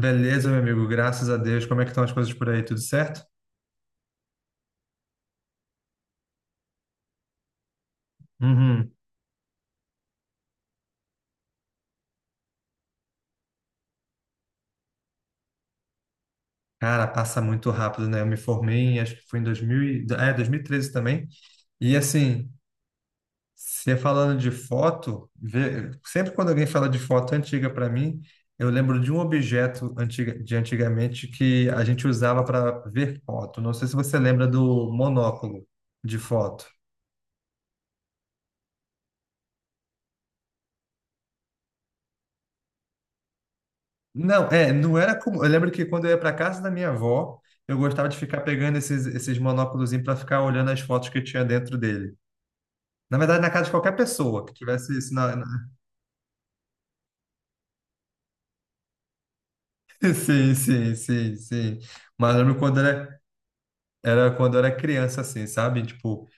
Beleza, meu amigo, graças a Deus. Como é que estão as coisas por aí? Tudo certo? Uhum. Cara, passa muito rápido, né? Eu me formei, em- Acho que foi em 2013 também. E assim, você falando de foto, sempre quando alguém fala de foto antiga para mim, eu lembro de um objeto antiga, de antigamente que a gente usava para ver foto. Não sei se você lembra do monóculo de foto. Não, é, não era como. Eu lembro que quando eu ia para casa da minha avó, eu gostava de ficar pegando esses monóculos para ficar olhando as fotos que tinha dentro dele. Na verdade, na casa de qualquer pessoa que tivesse isso Sim, sim, sim, sim. Mas eu lembro quando era, Era quando eu era criança, assim, sabe? Tipo,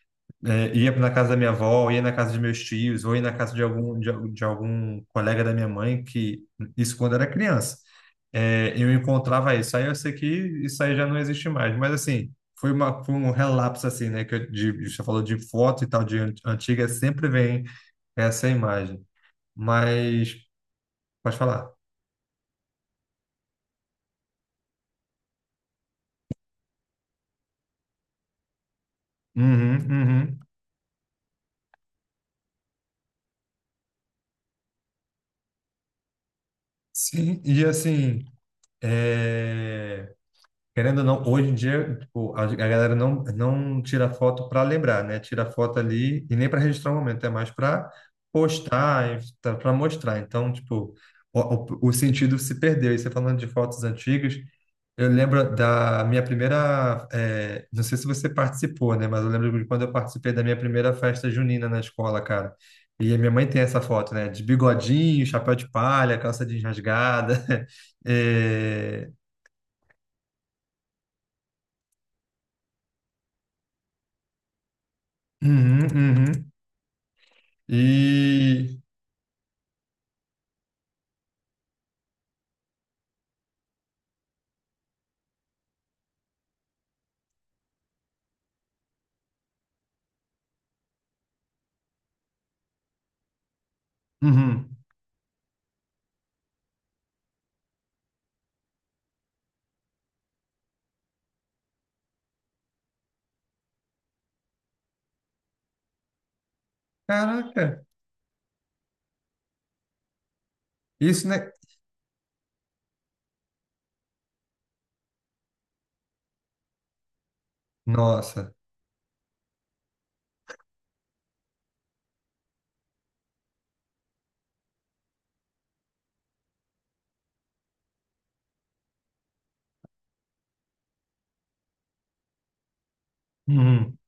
é, ia na casa da minha avó, ia na casa de meus tios, ou ia na casa de algum, de algum colega da minha mãe, que isso quando era criança. É, eu encontrava isso. Aí eu sei que isso aí já não existe mais. Mas assim, foi um relapso assim, né? Você falou de foto e tal, antiga, sempre vem essa imagem. Mas, pode falar. Uhum, uhum. Sim, e assim, é... Querendo ou não, hoje em dia, tipo, a galera não tira foto para lembrar, né? Tira foto ali e nem para registrar o momento, é mais para postar, para mostrar. Então, tipo, o, o sentido se perdeu. E você falando de fotos antigas, eu lembro da minha primeira. Eh, não sei se você participou, né? Mas eu lembro de quando eu participei da minha primeira festa junina na escola, cara. E a minha mãe tem essa foto, né? De bigodinho, chapéu de palha, calça jeans rasgada. eh, uhum, uhum. E. Uhum. Caraca, isso, né? Nossa. Uhum.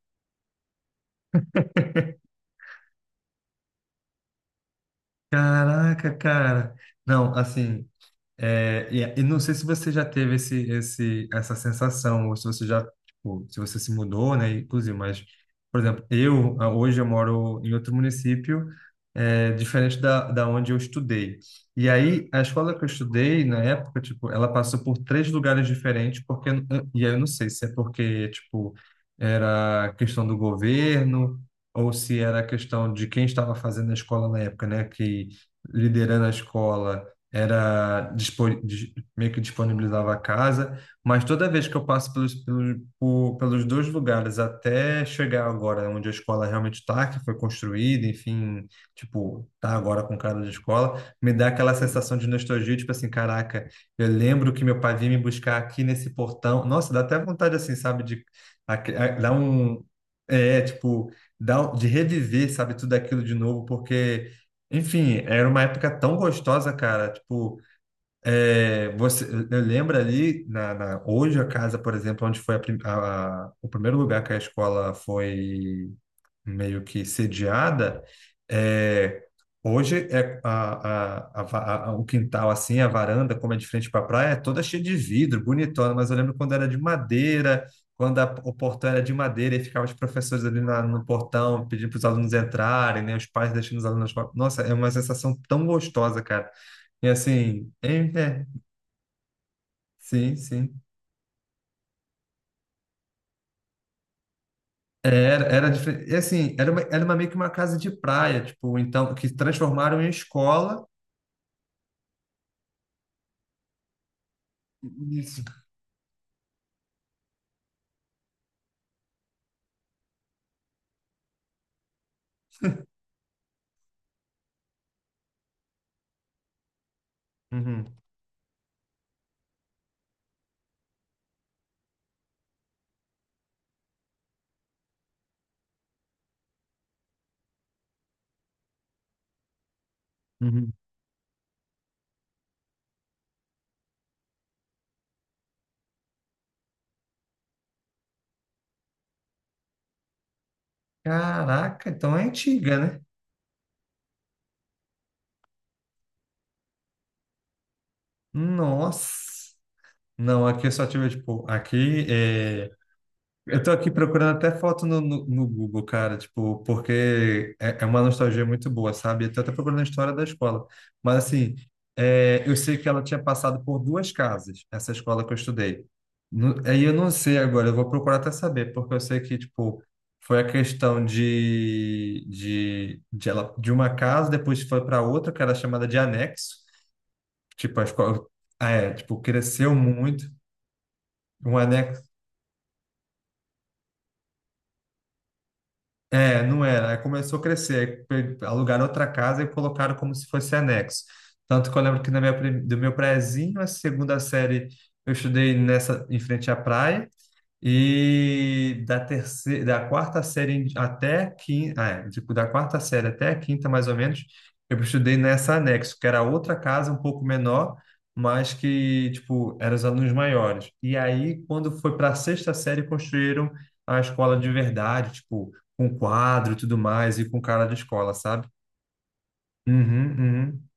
Caraca, cara. Não, assim. É, e não sei se você já teve essa sensação, ou se você já, tipo, se você se mudou, né, inclusive, mas, por exemplo, eu, ah, hoje eu moro em outro município, é, diferente da onde eu estudei. E aí, a escola que eu estudei, na época, tipo, ela passou por três lugares diferentes, porque, e aí eu não sei se é porque, tipo, era questão do governo, ou se era questão de quem estava fazendo a escola na época, né, que liderando a escola era meio que disponibilizava a casa, mas toda vez que eu passo pelos dois lugares até chegar agora onde a escola realmente está, que foi construída, enfim, tipo, tá agora com cara de escola, me dá aquela sensação de nostalgia, tipo assim, caraca, eu lembro que meu pai vinha me buscar aqui nesse portão. Nossa, dá até vontade assim, sabe, de dar um é, tipo, de reviver, sabe, tudo aquilo de novo, porque enfim, era uma época tão gostosa, cara. Tipo, é, você, eu lembro ali, hoje a casa, por exemplo, onde foi a prim- a- o primeiro lugar que a escola foi meio que sediada, é, hoje é o quintal assim, a varanda, como é de frente para a praia, é toda cheia de vidro, bonitona, mas eu lembro quando era de madeira, quando o portão era de madeira e ficavam os professores ali no portão pedindo para os alunos entrarem, né, os pais deixando os alunos fora. Nossa, é uma sensação tão gostosa, cara. E assim, sim, sim. Era, era diferente. E assim, era uma meio que uma casa de praia, tipo, então, que transformaram em escola. Uhum, uhum. Caraca, então é antiga, né? Nossa. Não, aqui eu só tive, tipo, aqui eh, eu tô aqui procurando até foto no Google, cara, tipo, porque é uma nostalgia muito boa, sabe? Eu tô até procurando a história da escola. Mas, assim, é, eu sei que ela tinha passado por duas casas, essa escola que eu estudei. No- aí eu não sei agora, eu vou procurar até saber, porque eu sei que, tipo, foi a questão de uma casa, depois foi para outra, que era chamada de anexo. Tipo, a escola, ah, é, tipo, cresceu muito. Um anexo. É, não era. Aí começou a crescer. Alugaram outra casa e colocaram como se fosse anexo. Tanto que eu lembro que do meu prézinho, a segunda série, eu estudei nessa, em frente à praia. E da quarta série até a quinta, ah, é, tipo, da quarta série até a quinta, mais ou menos, eu estudei nessa anexo, que era outra casa um pouco menor, mas que, tipo, eram os alunos maiores. E aí, quando foi para a sexta série, construíram a escola de verdade, tipo, com quadro e tudo mais, e com cara de escola, sabe? Uhum, uhum.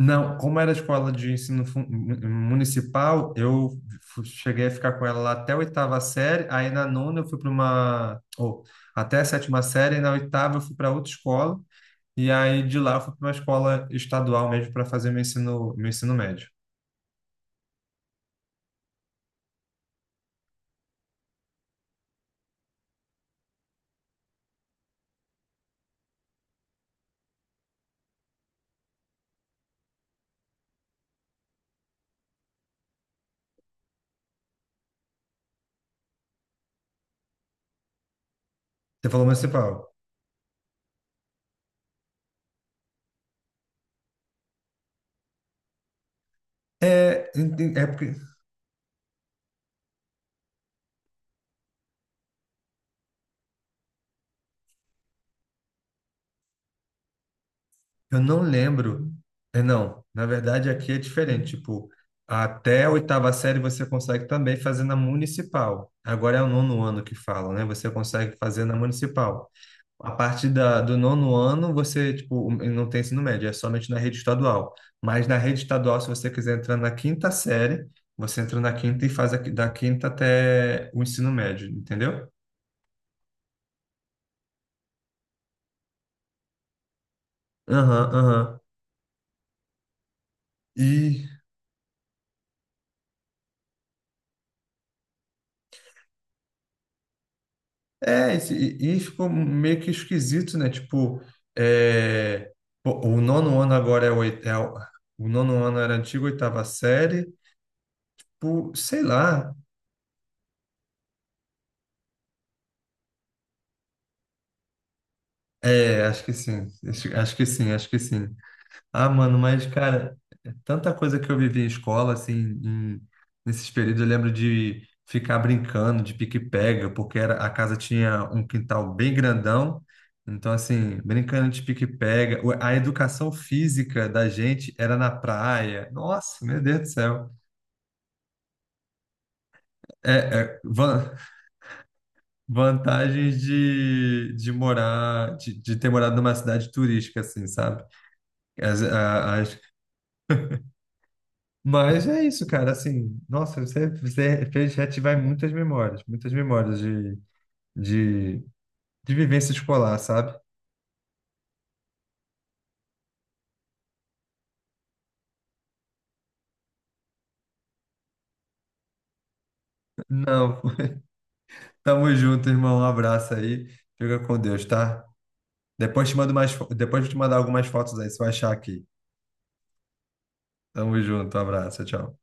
Não, como era escola de municipal, cheguei a ficar com ela lá até a oitava série, aí na nona eu fui para uma, ou até a sétima série, e na oitava eu fui para outra escola, e aí de lá eu fui para uma escola estadual mesmo para fazer meu ensino médio. Você falou municipal. É, é porque eu não lembro. É, não, na verdade aqui é diferente. Tipo, até a oitava série você consegue também fazer na municipal. Agora é o nono ano que falam, né? Você consegue fazer na municipal. A partir do nono ano, você, tipo, não tem ensino médio, é somente na rede estadual. Mas na rede estadual, se você quiser entrar na quinta série, você entra na quinta e da quinta até o ensino médio, entendeu? Aham, aham. E é, e ficou meio que esquisito, né? Tipo, é, pô, o nono ano agora é o nono ano era a antiga oitava série, por, sei lá. É, acho que sim, acho que sim, acho que sim. Ah, mano, mas, cara, é tanta coisa que eu vivi em escola, assim, em- nesses períodos, eu lembro de ficar brincando de pique-pega, porque era, a casa tinha um quintal bem grandão, então, assim, brincando de pique-pega, a educação física da gente era na praia, nossa, meu Deus do céu. É, é, van- vantagens de morar, de ter morado numa cidade turística, assim, sabe? As mas é isso, cara. Assim, nossa, você, você fez reativar muitas memórias de, de vivência escolar, sabe? Não, tamo junto, irmão. Um abraço aí. Fica com Deus, tá? Depois te mando mais, depois eu te mandar algumas fotos aí, você vai achar aqui. Tamo junto, um abraço, tchau.